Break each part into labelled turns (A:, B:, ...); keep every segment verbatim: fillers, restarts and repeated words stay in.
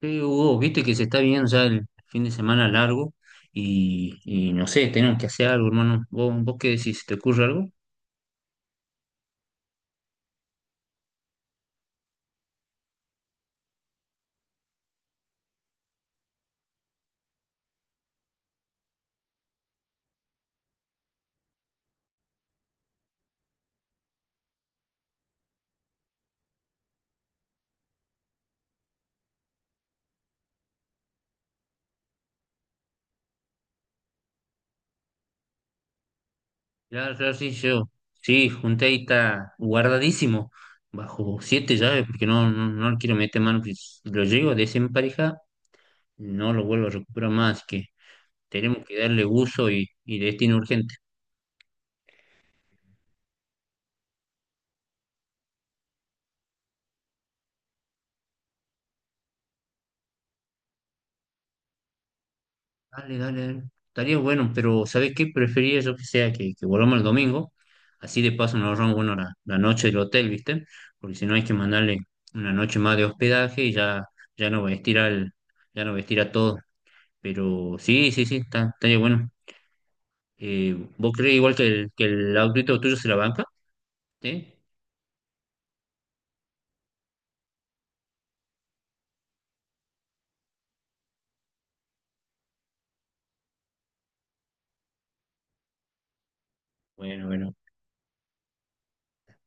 A: Sí, Hugo, viste que se está viendo ya el fin de semana largo y, y no sé, tenemos que hacer algo, hermano. ¿Vos, vos qué decís? ¿Se ¿Te ocurre algo? Claro, claro, sí, yo. Sí, junté ahí, está guardadísimo, bajo siete llaves, porque no, no, no le quiero meter mano. Porque si lo llego a desemparejar, no lo vuelvo a recuperar más, así que tenemos que darle uso y, y destino urgente. Dale, dale, dale. Estaría bueno, pero ¿sabes qué? Preferiría yo que sea que, que volvamos el domingo. Así de paso nos ahorramos, bueno, la, la noche del hotel, ¿viste? Porque si no hay que mandarle una noche más de hospedaje y ya, ya no vestir al, ya no vestir a todo. Pero sí, sí, sí, está, estaría bueno. Eh, ¿vos crees igual que el, que el autito tuyo se la banca? ¿Sí? Bueno, bueno,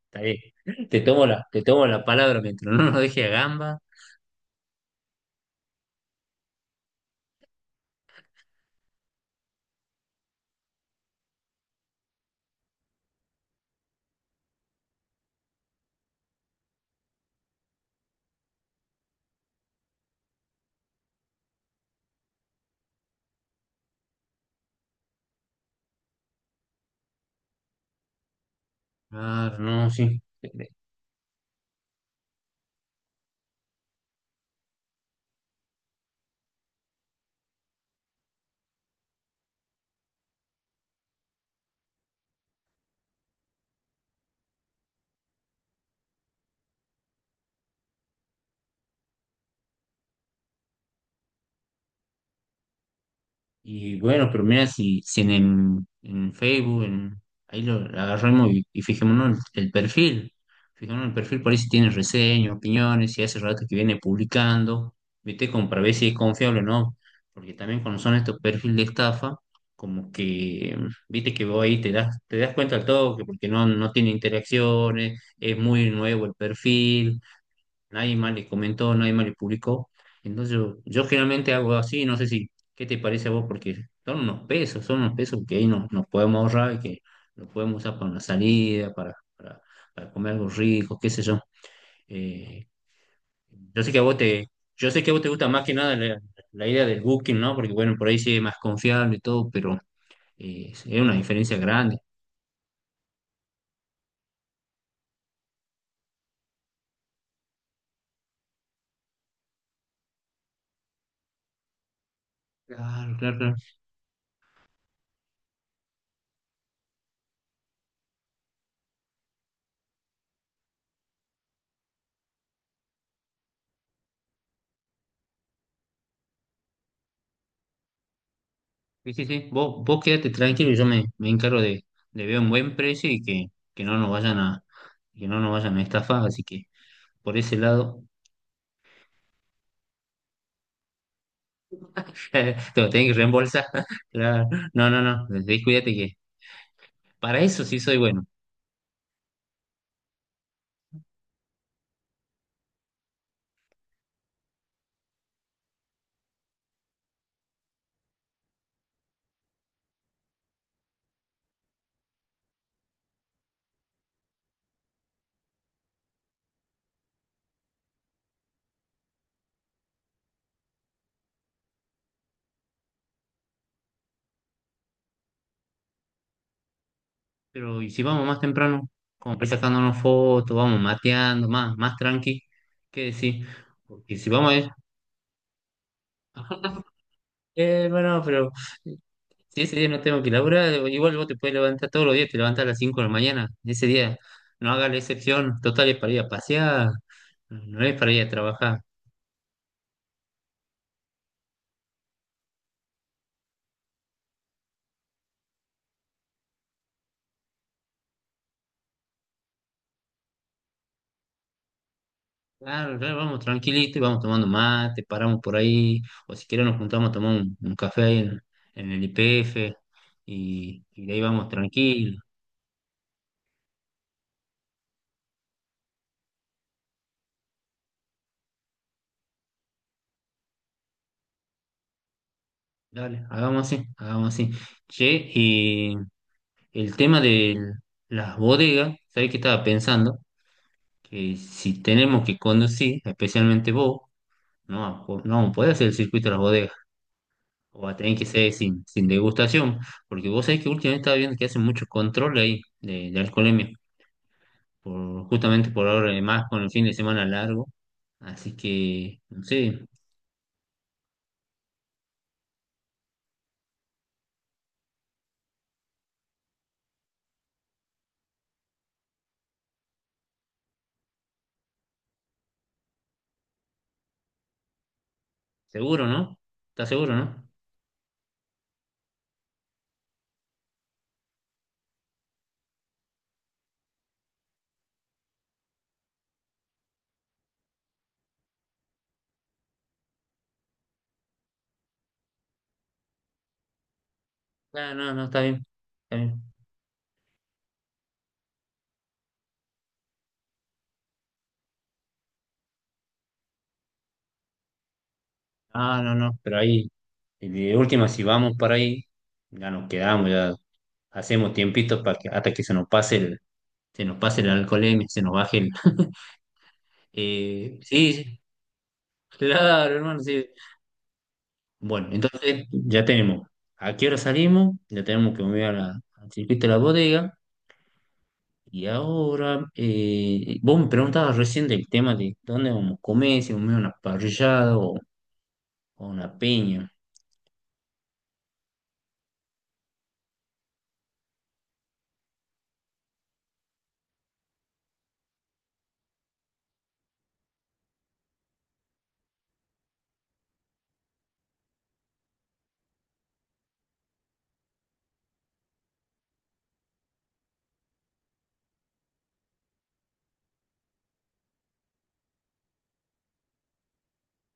A: está bien. Te tomo la, te tomo la palabra mientras no nos deje a gamba. Ah, no, sí. Y bueno, pero mira, si, si en, en- en Facebook, en, ahí lo agarramos y, y fijémonos el, el perfil. Fijémonos el perfil, por ahí si tiene reseñas, opiniones, si hace rato que viene publicando, ¿viste? Como para ver si es confiable o no. Porque también cuando son estos perfiles de estafa, como que, viste que vos ahí te das, te das cuenta al toque, porque no, no tiene interacciones, es muy nuevo el perfil, nadie más le comentó, nadie más le publicó. Entonces yo, yo generalmente hago así, no sé si, ¿qué te parece a vos? Porque son unos pesos, son unos pesos que ahí nos, nos podemos ahorrar y que los podemos usar para una salida, para, para, para comer algo rico, qué sé yo. Eh, yo sé que a vos te, yo sé que a vos te gusta más que nada la, la idea del booking, ¿no? Porque bueno, por ahí sí es más confiable y todo, pero eh, es una diferencia grande. Claro, claro, claro. Sí, sí, sí. Vos, vos quédate tranquilo, yo me, me encargo de, de ver un buen precio y que, que no nos vayan a, que no nos vayan a estafar, así que por ese lado te lo tenés que reembolsar. Claro. No, no, no. Cuídate que para eso sí soy bueno. Pero y si vamos más temprano, como para ir sacándonos fotos, vamos mateando, más, más tranqui, ¿qué decir? Porque si vamos a ir- Eh, bueno, pero si ese día no tengo que laburar, igual vos te puedes levantar todos los días, te levantas a las cinco de la mañana. Ese día no hagas la excepción, total es para ir a pasear, no es para ir a trabajar. Claro, claro, vamos tranquilito y vamos tomando mate, paramos por ahí, o si querés nos juntamos a tomar un, un café ahí en, en el I P F y, y de ahí vamos tranquilos. Dale, hagamos así, hagamos así. Che, y el tema de las bodegas, ¿sabés qué estaba pensando? Que si tenemos que conducir, especialmente vos, no, po- no puede hacer el circuito de las bodegas. O va a tener que ser sin, sin degustación. Porque vos sabés que últimamente estaba viendo que hacen mucho control ahí de, de alcoholemia. Por, justamente por ahora, además con el fin de semana largo. Así que, no sé, seguro, ¿no? ¿Estás seguro, no? Ah, no, no, está bien. Está bien. Ah, no, no, pero ahí, de última, si vamos para ahí, ya nos quedamos, ya hacemos tiempitos para que, hasta que se nos pase el, se nos pase la alcoholemia, se nos baje el. Eh, sí, sí. Claro, hermano, sí. Bueno, entonces ya tenemos a qué hora salimos, ya tenemos que mover a la, al circuito de la bodega. Y ahora, eh, vos me preguntabas recién del tema de dónde vamos a comer, si vamos a una parrillada o, o una peña.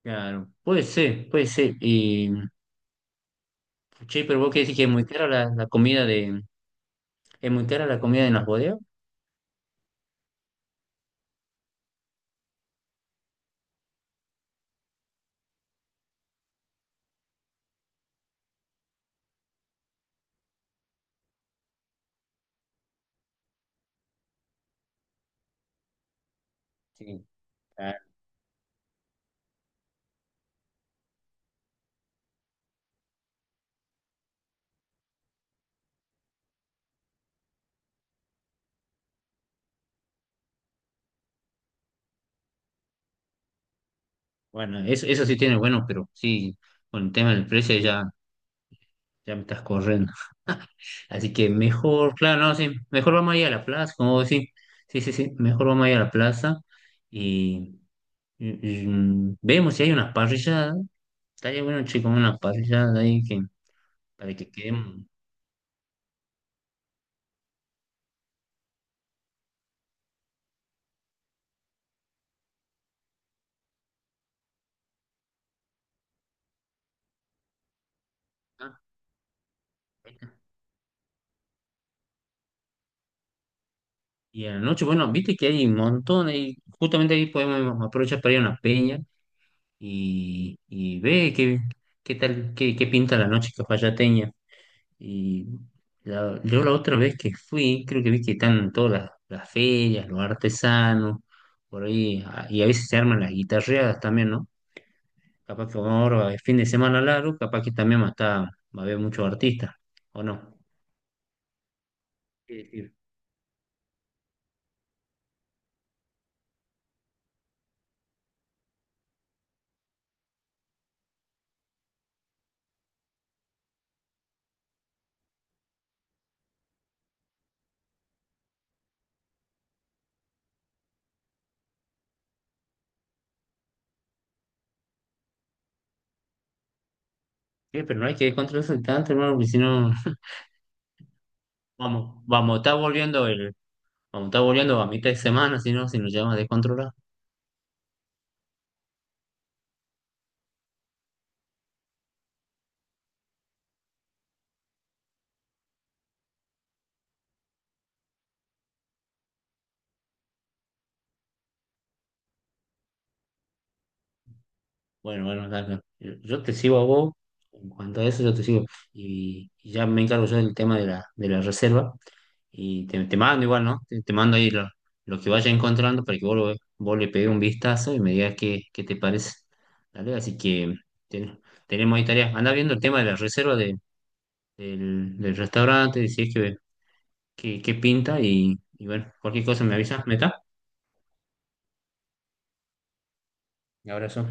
A: Claro, puede ser, puede ser. Y, che, pero vos qué decís que es muy cara la, la comida de, es muy cara la comida en las bodegas. Sí, claro. Bueno, eso, eso sí tiene bueno, pero sí, con el tema del precio ya. Ya me estás corriendo. Así que mejor, claro, no, sí, mejor vamos a ir a la plaza, como vos decís. Sí, sí, sí, mejor vamos a ir a la plaza y, y- y, mm, vemos si hay unas parrilladas. Estaría bueno, chicos, una parrillada ahí que, para que quedemos. ¿No? Y a la noche, bueno, viste que hay un montón, y justamente ahí podemos aprovechar para ir a una peña y, y ve qué, qué tal, qué, qué pinta la noche que y la- yo la otra vez que fui, creo que vi que están todas las, las ferias, los artesanos, por ahí, ah, y a veces se arman las guitarreadas también, ¿no? Capaz que como ahora es fin de semana largo, capaz que también va a estar- va a haber muchos artistas, ¿o no? Sí, sí. Sí, pero no hay que descontrolarse tanto, hermano, porque si no, vamos, vamos, está volviendo el, vamos, está volviendo a mitad de semana, si no, si nos llevamos a descontrolar. Bueno, bueno, Carlos, yo yo te sigo a vos, en cuanto a eso yo te sigo, y, y ya me encargo yo del tema de la, de la reserva, y te, te mando igual, ¿no? Te, te mando ahí lo, lo que vaya encontrando para que vos, lo, vos le pegues un vistazo y me digas qué, qué te parece, dale, así que ten- tenemos ahí tareas, anda viendo el tema de la reserva de- del, del restaurante, si es que, que, que pinta, y, y bueno, cualquier cosa me avisas, ¿me está? Un abrazo.